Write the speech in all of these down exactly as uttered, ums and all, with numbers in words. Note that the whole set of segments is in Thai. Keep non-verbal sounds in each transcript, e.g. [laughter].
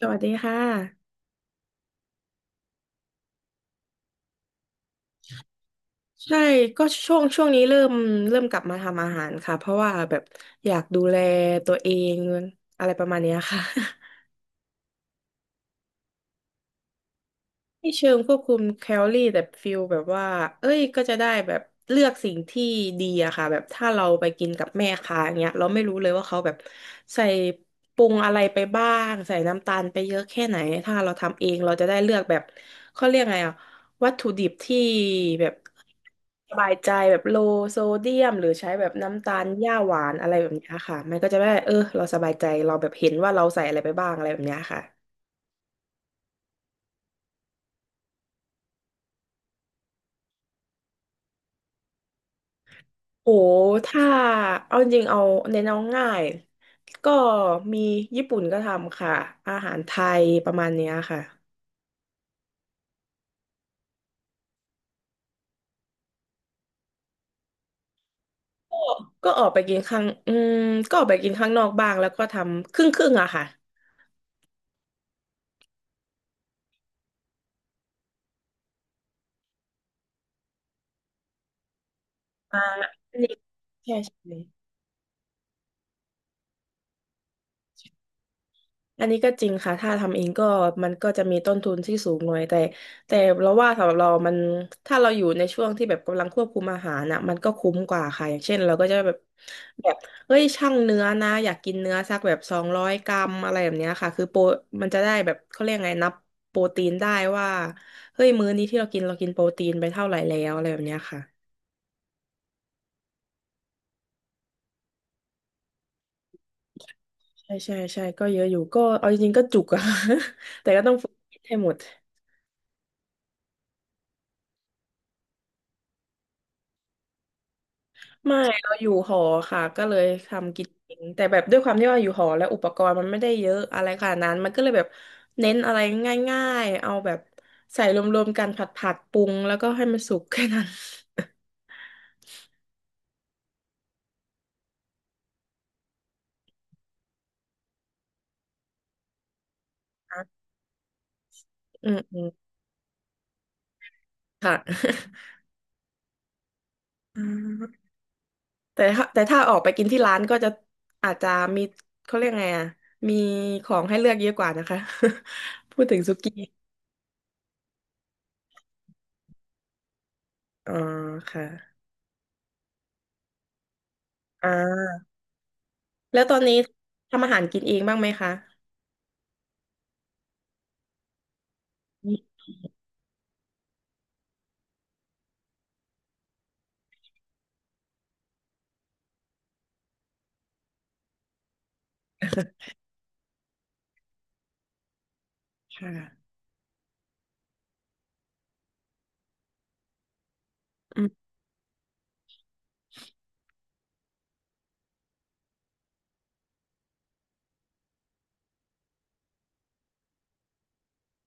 สวัสดีค่ะใช่ก็ช่วงช่วงนี้เริ่มเริ่มกลับมาทำอาหารค่ะเพราะว่าแบบอยากดูแลตัวเองอะไรประมาณเนี้ยค่ะ ไม่เชิงควบคุมแคลอรี่แต่ฟิลแบบว่าเอ้ยก็จะได้แบบเลือกสิ่งที่ดีอะค่ะแบบถ้าเราไปกินกับแม่ค้าอย่างเงี้ยเราไม่รู้เลยว่าเขาแบบใส่ปรุงอะไรไปบ้างใส่น้ำตาลไปเยอะแค่ไหนถ้าเราทำเองเราจะได้เลือกแบบเขาเรียกไงอะวัตถุดิบที่แบบสบายใจแบบโลโซเดียมหรือใช้แบบน้ำตาลหญ้าหวานอะไรแบบเนี้ยค่ะมันก็จะได้เออเราสบายใจเราแบบเห็นว่าเราใส่อะไรไปบ้างอะไรแบบเนี้ยค่ะ โหถ้าเอาจริงเอาเน้นเอาง่ายก็มีญี่ปุ่นก็ทำค่ะอาหารไทยประมาณเนี้ยค่ะก็ก็ออกไปกินข้างอืมก็ออกไปกินข้างนอกบ้างแล้วก็ทำครึ่งครึ่งอะค่ะอ่าอันนี้ใช่ใช่ อันนี้ก็จริงค่ะถ้าทำเองก็มันก็จะมีต้นทุนที่สูงหน่อยแต่แต่เราว่าสำหรับเรามันถ้าเราอยู่ในช่วงที่แบบกำลังควบคุมอาหารน่ะมันก็คุ้มกว่าค่ะอย่างเช่นเราก็จะแบบแบบเฮ้ยช่างเนื้อนะอยากกินเนื้อสักแบบสองร้อยกรัมอะไรแบบเนี้ยค่ะคือโปรมันจะได้แบบเขาเรียกไงนับโปรตีนได้ว่าเฮ้ยมื้อนี้ที่เรากินเรากินโปรตีนไปเท่าไหร่แล้วอะไรแบบเนี้ยค่ะใช่ใช่ใช่ก็เยอะอยู่ก็เอาจริงๆก็จุกอะ [laughs] แต่ก็ต้องฝึกให้หมด ไม่เราอยู่หอค่ะก็เลยทำกินเองแต่แบบด้วยความที่ว่าอยู่หอแล้วอุปกรณ์มันไม่ได้เยอะอะไรขนาดนั้นมันก็เลยแบบเน้นอะไรง่ายๆเอาแบบใส่รวมๆกันผัดผัดปรุงแล้วก็ให้มันสุกแค่นั้น [laughs] อืมอืมค่ะ [laughs] อืมแต่ถ้าแต่ถ้าออกไปกินที่ร้านก็จะอาจจะมีเขาเรียกไงอ่ะมีของให้เลือกเยอะกว่านะคะ [laughs] พูดถึงสุกี้อ๋อค่ะอ่าแล้วตอนนี้ทำอาหารกินเองบ้างไหมคะค่ะ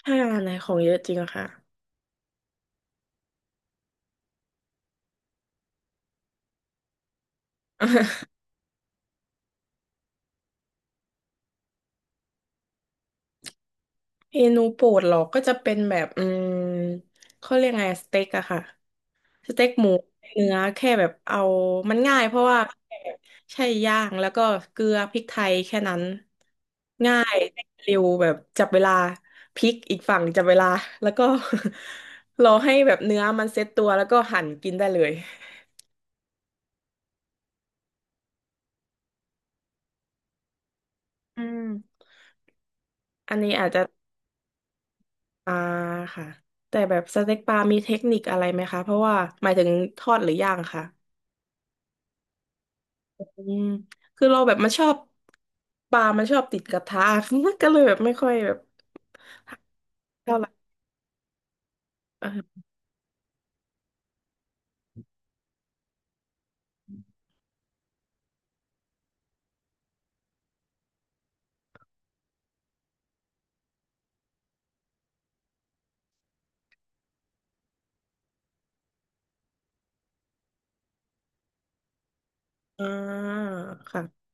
ถ้าอะไรของเยอะจริงอะค่ะ [laughs] เมนูโปรดเหรอก็จะเป็นแบบอืมเขาเรียกไงสเต็กอะค่ะสเต็กหมูเนื้อแค่แบบเอามันง่ายเพราะว่าแค่แบบใช่ย่างแล้วก็เกลือพริกไทยแค่นั้นง่ายเร็วแบบจับเวลาพริกอีกฝั่งจับเวลาแล้วก็ [laughs] รอให้แบบเนื้อมันเซ็ตตัวแล้วก็หั่นกินได้เลยอืมอันนี้อาจจะ ปลาค่ะแต่แบบสเต็กปลามีเทคนิคอะไรไหมคะเพราะว่าหมายถึงทอดหรือย่างค่ะอืมคือเราแบบมันชอบปลามันชอบติดกระทะ [laughs] ก็เลยแบบไม่ค่อยแบบเท่าไหร่เอออ่าค่ะ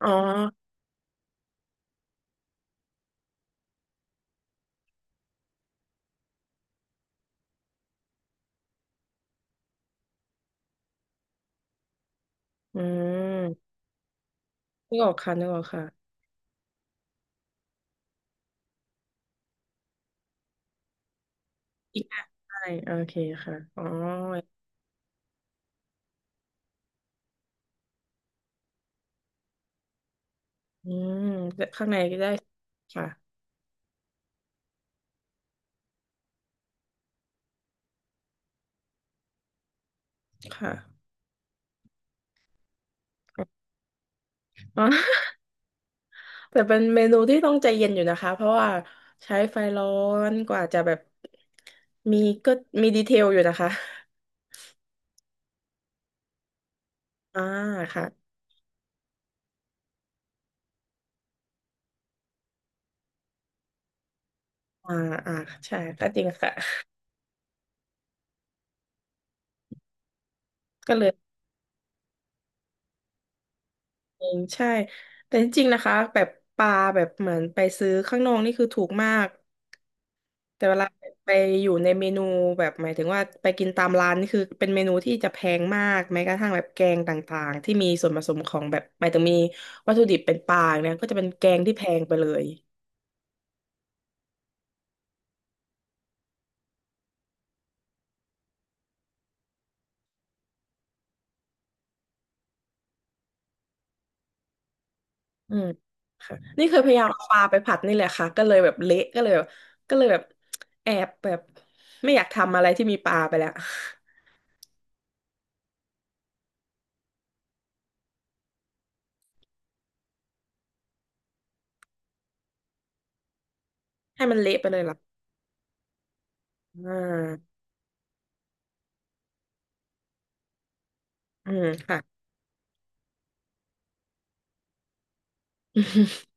อ๋ออืมนึกออกค่ะนึกออกค่ะอีกอ่ะใช่โอเคค่ะอ๋ออืมแต่ข้างในก็ได้ค่ะค่ะอ๋อ แต่เป็นเมนูที่ต้องใจเย็นอยู่นะคะเพราะว่าใช้ไฟร้อนกว่าจะแบบมีก็มีดีเทลอยู่นะคะอ่าค่ะอ่าอ่าใช่ก็จริงค่ะก็เลยเองใช่แต่จริงๆนะคะแบบปลาแบบเหมือนไปซื้อข้างนอกนี่คือถูกมากแต่เวลาไปอยู่ในเมนูแบบหมายถึงว่าไปกินตามร้านนี่คือเป็นเมนูที่จะแพงมากแม้กระทั่งแบบแกงต่างๆที่มีส่วนผสมของแบบหมายถึงมีวัตถุดิบเป็นปลาเนี่ยก็จะเป็นแกงที่แพงไปเลย อืมค่ะนี่เคยพยายามเอาปลาไปผัดนี่แหละค่ะก็เลยแบบเละก็เลยแบบก็เลยแบบแอบแบบไม่อยากทำอะไรที่มีปลาไปแล้ว [laughs] ให้มันเละไปเลยล่ะอ่าอืมค่ะ [laughs]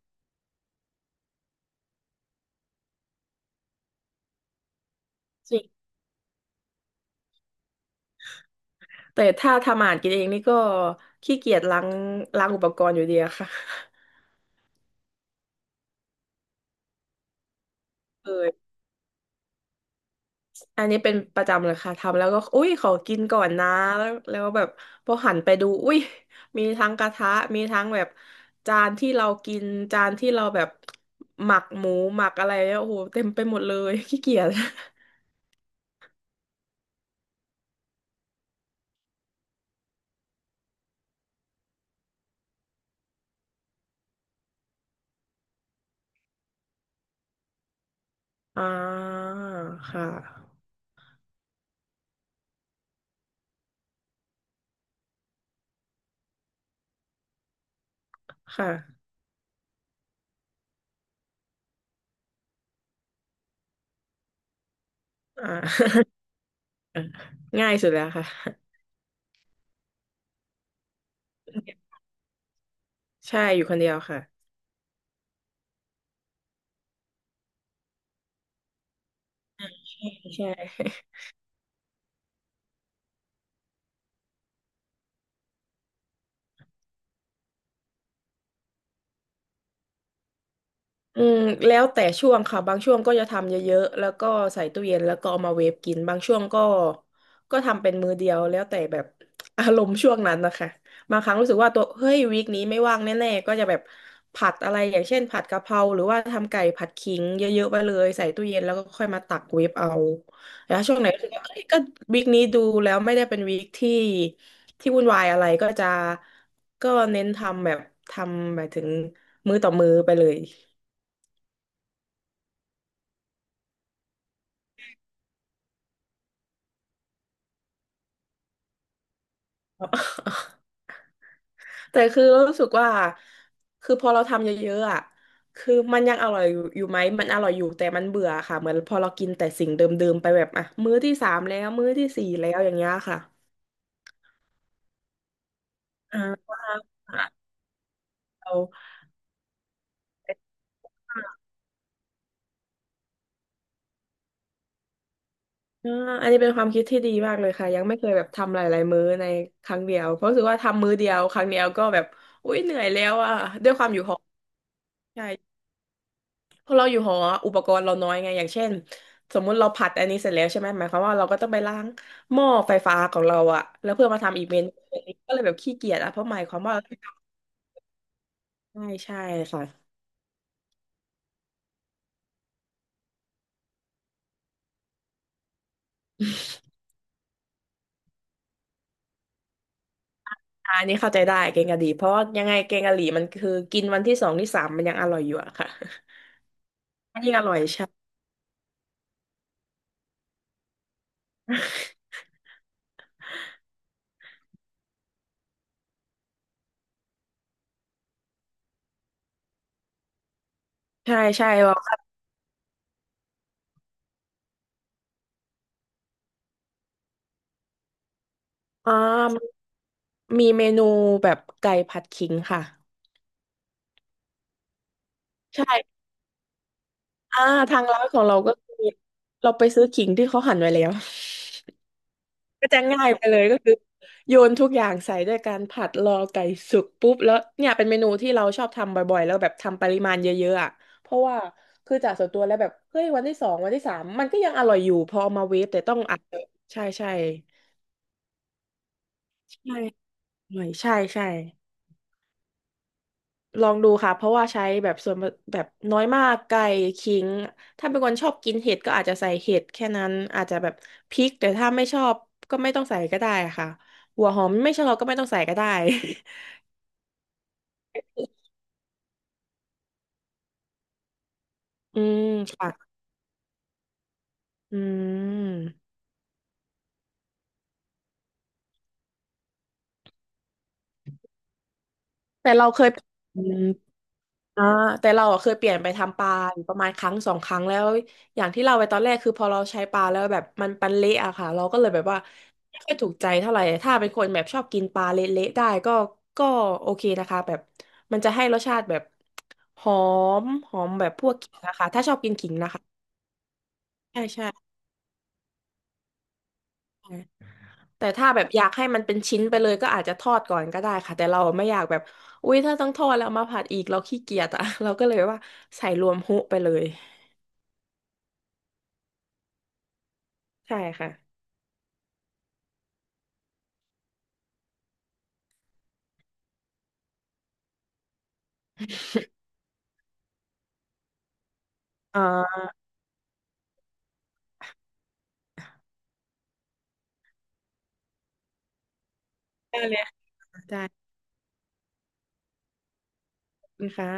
จริงแต่ถ้าทำอาหารกินเองนี่ก็ขี้เกียจล้างล้างอุปกรณ์อยู่ดีอะค่ะ [laughs] เออ อันนี้เป็นประจำเลยค่ะทำแล้วก็อุ้ยขอกินก่อนนะแล้วแล้วแบบพอหันไปดูอุ้ยมีทั้งกระทะมีทั้งแบบจานที่เรากินจานที่เราแบบหมักหมูหมักอะไรเนี่ยโอ้โหเต็มไปหมดเลยขี้เกียจอ่าค่ะค่ะอ่า [laughs] ง่ายสุดแล้วค่ะใช่อยู่คนเดียวค่ะใช่ใช่ อืมแล้วแต่ช่วงค่ะบางช่วงก็จะทำเยอะๆแล้วก็ใส่ตู้เย็นแล้วก็เอามาเวฟกินบางช่วงก็ก็ทำเป็นมื้อเดียวแล้วแต่แบบ [laughs] อารมณ์ช่วงนั้นนะคะบางครั้งรู้สึกว่าตัวเฮ้ยวีคนี้ไม่ว่างแน่ๆก็จะแบบผัดอะไรอย่างเช่นผัดกะเพราหรือว่าทำไก่ผัดขิงเยอะๆไปเลยใส่ตู้เย็นแล้วก็ค่อยมาตักเวฟเอาแล้วช่วงไหนรู้สึกว่าเอ้ยก็วีคนี้ดูแล้วไม่ได้เป็นวีคที่ที่วุ่นวายอะไรก็จะก็เน้นทำแบบทำหมายถึงมื้อต่อมื้อไปเลย [laughs] แต่คือรู้สึกว่าคือพอเราทำเยอะๆอ่ะคือมันยังอร่อยอยู่อยู่ไหมมันอร่อยอยู่แต่มันเบื่อค่ะเหมือนพอเรากินแต่สิ่งเดิมๆไปแบบอ่ะมื้อที่สามแล้วมื้อที่สี่แล้วอย่างเงี้ยค่ะอ่าเราอ่าอันนี้เป็นความคิดที่ดีมากเลยค่ะยังไม่เคยแบบทำหลายๆมื้อในครั้งเดียวเพราะรู้สึกว่าทำมื้อเดียวครั้งเดียวก็แบบอุ๊ยเหนื่อยแล้วอ่ะด้วยความอยู่หอใช่ พอเราอยู่หออุปกรณ์เราน้อยไงอย่างเช่นสมมุติเราผัดอันนี้เสร็จแล้วใช่ไหมหมายความว่าเราก็ต้องไปล้างหม้อไฟฟ้าของเราอะแล้วเพื่อมาทำอีกเมนูก็เลยแบบขี้เกียจอะเพราะหมายความว่าใช่ใช่ค่ะอะอันนี้เข้าใจได้แกงกะหรี่เพราะว่ายังไงแกงกะหรี่มันคือกินวันที่สองที่สามมันยังอร่อยอยู่อะค่ะมันงอร่อยใช่ใช่ใช่เราอ่ามีเมนูแบบไก่ผัดขิงค่ะใช่อ่าทางร้านของเราก็คือเราไปซื้อขิงที่เขาหั่นไว้แล้ว ก็จะง่ายไปเลยก็คือโยนทุกอย่างใส่ด้วยการผัดรอไก่สุกปุ๊บแล้วเนี่ยเป็นเมนูที่เราชอบทำบ่อยๆแล้วแบบทำปริมาณเยอะๆอ่ะเพราะว่าคือจากส่วนตัวแล้วแบบเฮ้ยวันที่สองวันที่สามมันก็ยังอร่อยอยู่พอเอามาเวฟแต่ต้องอัดใช่ใช่ใช่อร่อยใช่ใช่ลองดูค่ะเพราะว่าใช้แบบส่วนแบบน้อยมากไก่ขิงถ้าเป็นคนชอบกินเห็ดก็อาจจะใส่เห็ดแค่นั้นอาจจะแบบพริกแต่ถ้าไม่ชอบก็ไม่ต้องใส่ก็ได้ค่ะหัวหอมไม่ชอบก็ไม่ต้องใส่ก็ได้ อืมค่ะอืมแต่เราเคยอืมอ่าแต่เราอะเคยเปลี่ยนไปทำปลาอยู่ประมาณครั้งสองครั้งแล้วอย่างที่เราไปตอนแรกคือพอเราใช้ปลาแล้วแบบมันปันเละอะค่ะเราก็เลยแบบว่าไม่ค่อยถูกใจเท่าไหร่ถ้าเป็นคนแบบชอบกินปลาเละๆได้ก็ก็โอเคนะคะแบบมันจะให้รสชาติแบบหอมหอมแบบพวกขิงนะคะถ้าชอบกินขิงนะคะใช่ใช่ แต่ถ้าแบบอยากให้มันเป็นชิ้นไปเลยก็อาจจะทอดก่อนก็ได้ค่ะแต่เราไม่อยากแบบอุ๊ยถ้าต้องทอดแล้วเอามาผัดอีกเราขี้เกียจอะ [laughs] เราก็เลยว่าใส่รวมฮุไปเลยใช่ค่ะ [laughs] อ่าได้เลยค่ะได้ขอบคุณค่ะ